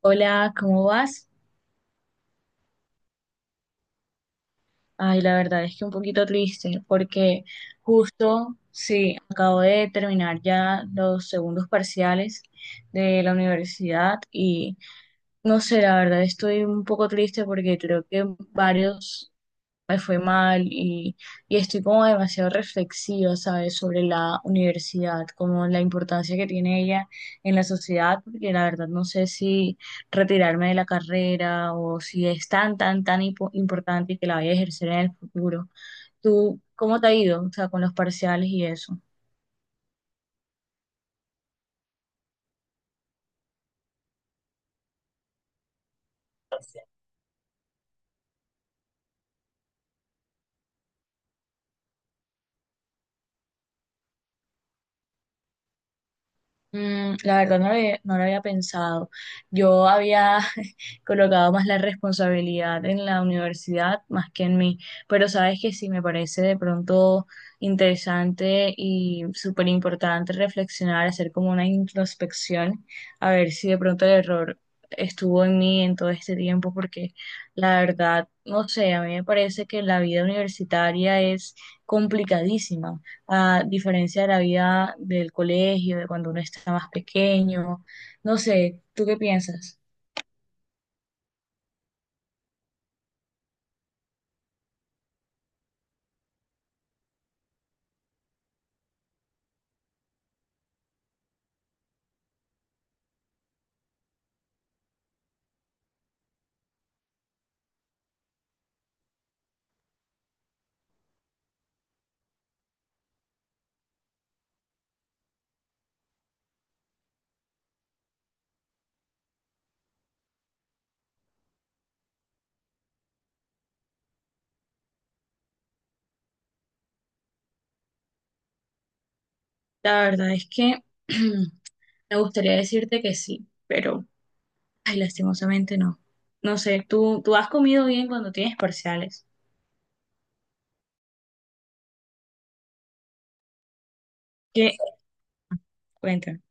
Hola, ¿cómo vas? Ay, la verdad es que un poquito triste porque justo, sí, acabo de terminar ya los segundos parciales de la universidad y no sé, la verdad estoy un poco triste porque creo que varios me fue mal y estoy como demasiado reflexiva, ¿sabes?, sobre la universidad, como la importancia que tiene ella en la sociedad, porque la verdad no sé si retirarme de la carrera o si es tan, tan, tan importante y que la vaya a ejercer en el futuro. ¿Tú cómo te ha ido, o sea, con los parciales y eso? La verdad no lo había pensado. Yo había colocado más la responsabilidad en la universidad más que en mí, pero sabes que sí me parece de pronto interesante y súper importante reflexionar, hacer como una introspección, a ver si de pronto el error estuvo en mí en todo este tiempo, porque la verdad, no sé, a mí me parece que la vida universitaria es complicadísima a diferencia de la vida del colegio, de cuando uno está más pequeño. No sé, ¿tú qué piensas? La verdad es que me gustaría decirte que sí, pero ay, lastimosamente no. No sé, ¿tú has comido bien cuando tienes parciales? ¿Qué? Cuéntame.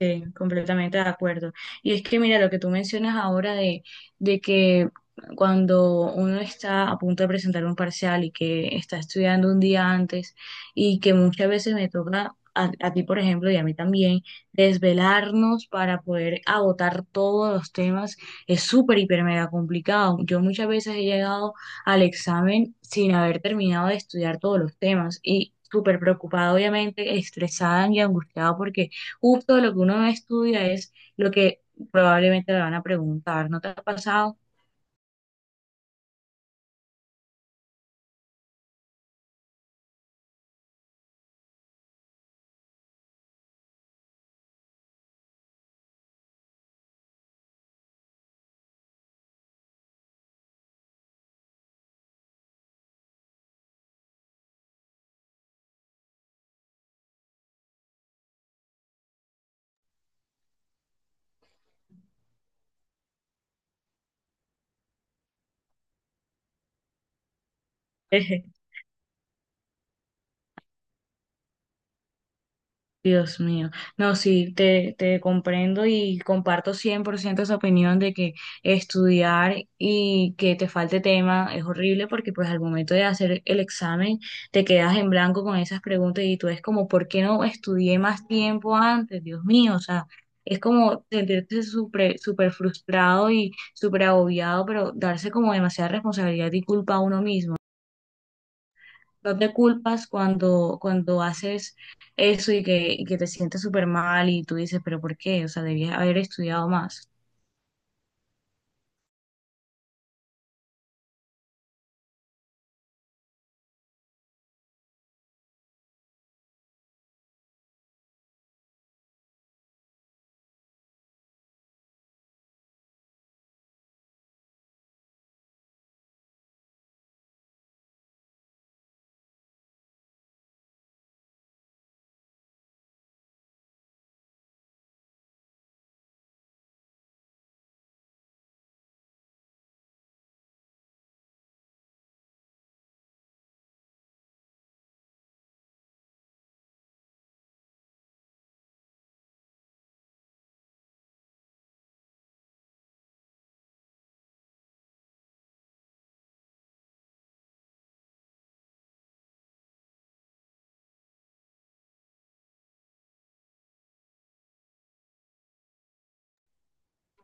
Sí, completamente de acuerdo. Y es que mira lo que tú mencionas ahora de que cuando uno está a punto de presentar un parcial y que está estudiando un día antes y que muchas veces me toca a ti, por ejemplo, y a mí también, desvelarnos para poder agotar todos los temas es súper, hiper, mega complicado. Yo muchas veces he llegado al examen sin haber terminado de estudiar todos los temas y súper preocupada, obviamente, estresada y angustiada porque justo lo que uno estudia es lo que probablemente le van a preguntar. ¿No te ha pasado? Dios mío, no, sí, te comprendo y comparto 100% esa opinión de que estudiar y que te falte tema es horrible porque pues al momento de hacer el examen te quedas en blanco con esas preguntas y tú es como, ¿por qué no estudié más tiempo antes? Dios mío, o sea, es como sentirte súper súper frustrado y súper agobiado, pero darse como demasiada responsabilidad y culpa a uno mismo no te culpas cuando haces eso y que te sientes súper mal y tú dices, pero ¿por qué? O sea, debías haber estudiado más.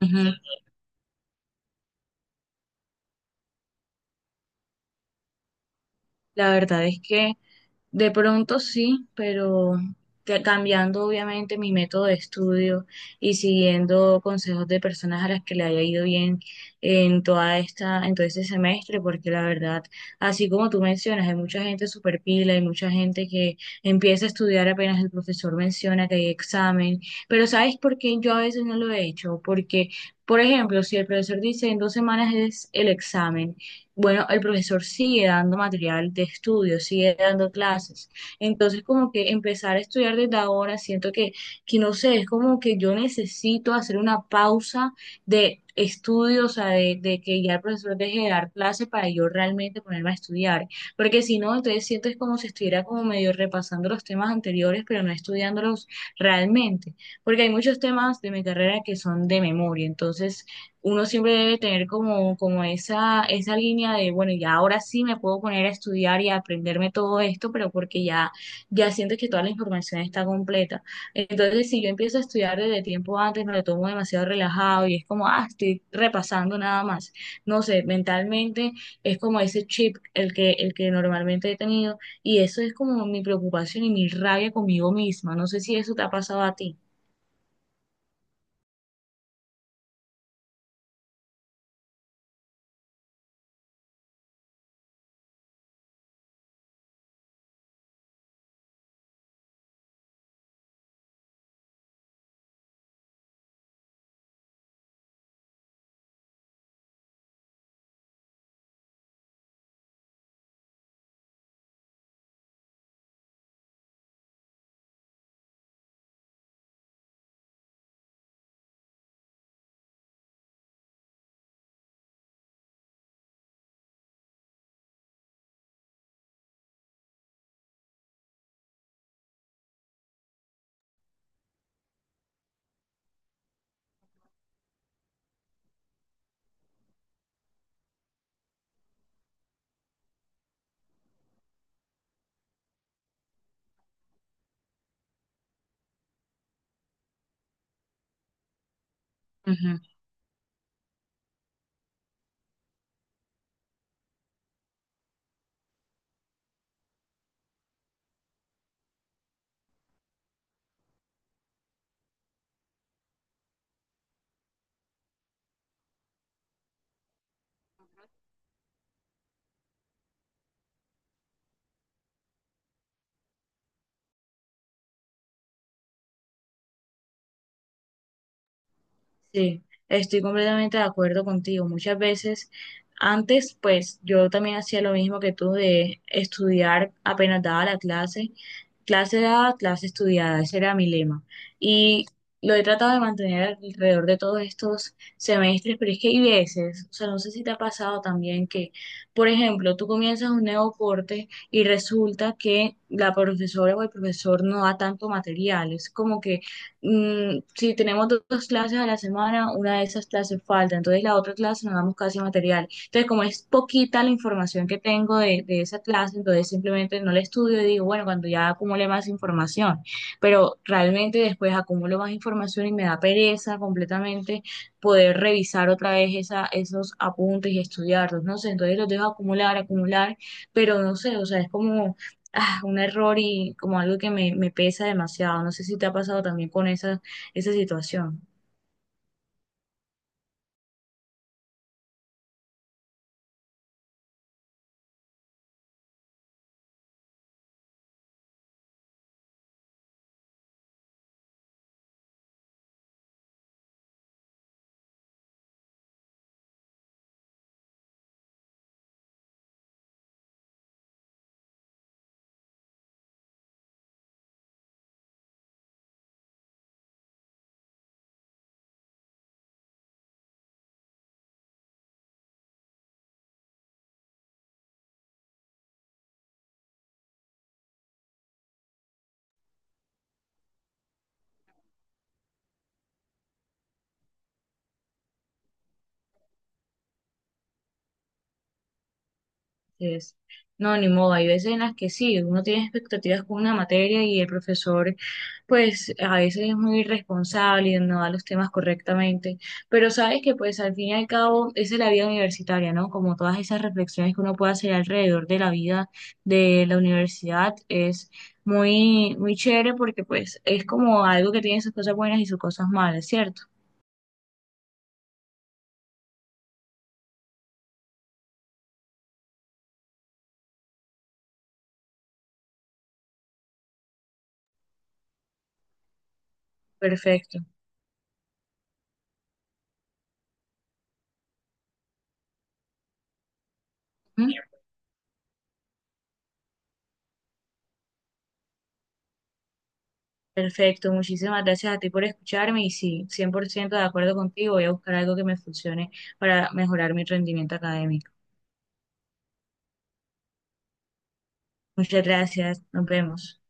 Ujú. La verdad es que de pronto sí, pero cambiando obviamente mi método de estudio y siguiendo consejos de personas a las que le haya ido bien en toda esta, en todo este semestre, porque la verdad, así como tú mencionas, hay mucha gente super pila, hay mucha gente que empieza a estudiar apenas el profesor menciona que hay examen, pero ¿sabes por qué yo a veces no lo he hecho? Porque, por ejemplo, si el profesor dice en 2 semanas es el examen, bueno, el profesor sigue dando material de estudio, sigue dando clases. Entonces, como que empezar a estudiar desde ahora, siento que no sé, es como que yo necesito hacer una pausa de estudio, o sea, de que ya el profesor deje de dar clases para yo realmente ponerme a estudiar. Porque si no, entonces siento es como si estuviera como medio repasando los temas anteriores, pero no estudiándolos realmente. Porque hay muchos temas de mi carrera que son de memoria, entonces uno siempre debe tener como, como esa línea de, bueno, ya ahora sí me puedo poner a estudiar y a aprenderme todo esto, pero porque ya siento que toda la información está completa. Entonces, si yo empiezo a estudiar desde tiempo antes, me lo tomo demasiado relajado y es como, ah, estoy repasando nada más. No sé, mentalmente es como ese chip el que normalmente he tenido y eso es como mi preocupación y mi rabia conmigo misma. No sé si eso te ha pasado a ti. Sí, estoy completamente de acuerdo contigo. Muchas veces, antes, pues yo también hacía lo mismo que tú de estudiar apenas daba la clase, clase dada, clase estudiada, ese era mi lema. Y lo he tratado de mantener alrededor de todos estos semestres, pero es que hay veces, o sea, no sé si te ha pasado también que, por ejemplo, tú comienzas un nuevo corte y resulta que la profesora o el profesor no da tanto material. Es como que mm, si tenemos dos clases a la semana, una de esas clases falta, entonces la otra clase nos damos casi material. Entonces, como es poquita la información que tengo de esa clase, entonces simplemente no la estudio y digo, bueno, cuando ya acumule más información, pero realmente después acumulo más información y me da pereza completamente poder revisar otra vez esa, esos apuntes y estudiarlos, no sé, entonces los dejo acumular, acumular, pero no sé, o sea, es como ah, un error y como algo que me pesa demasiado. No sé si te ha pasado también con esa, esa situación. Es, no, ni modo. Hay veces en las que sí, uno tiene expectativas con una materia y el profesor, pues a veces es muy irresponsable y no da los temas correctamente. Pero sabes que pues al fin y al cabo esa es la vida universitaria, ¿no? Como todas esas reflexiones que uno puede hacer alrededor de la vida de la universidad es muy, muy chévere porque pues es como algo que tiene sus cosas buenas y sus cosas malas, ¿cierto? Perfecto. ¿Mm? Perfecto. Muchísimas gracias a ti por escucharme y sí, 100% de acuerdo contigo. Voy a buscar algo que me funcione para mejorar mi rendimiento académico. Muchas gracias. Nos vemos.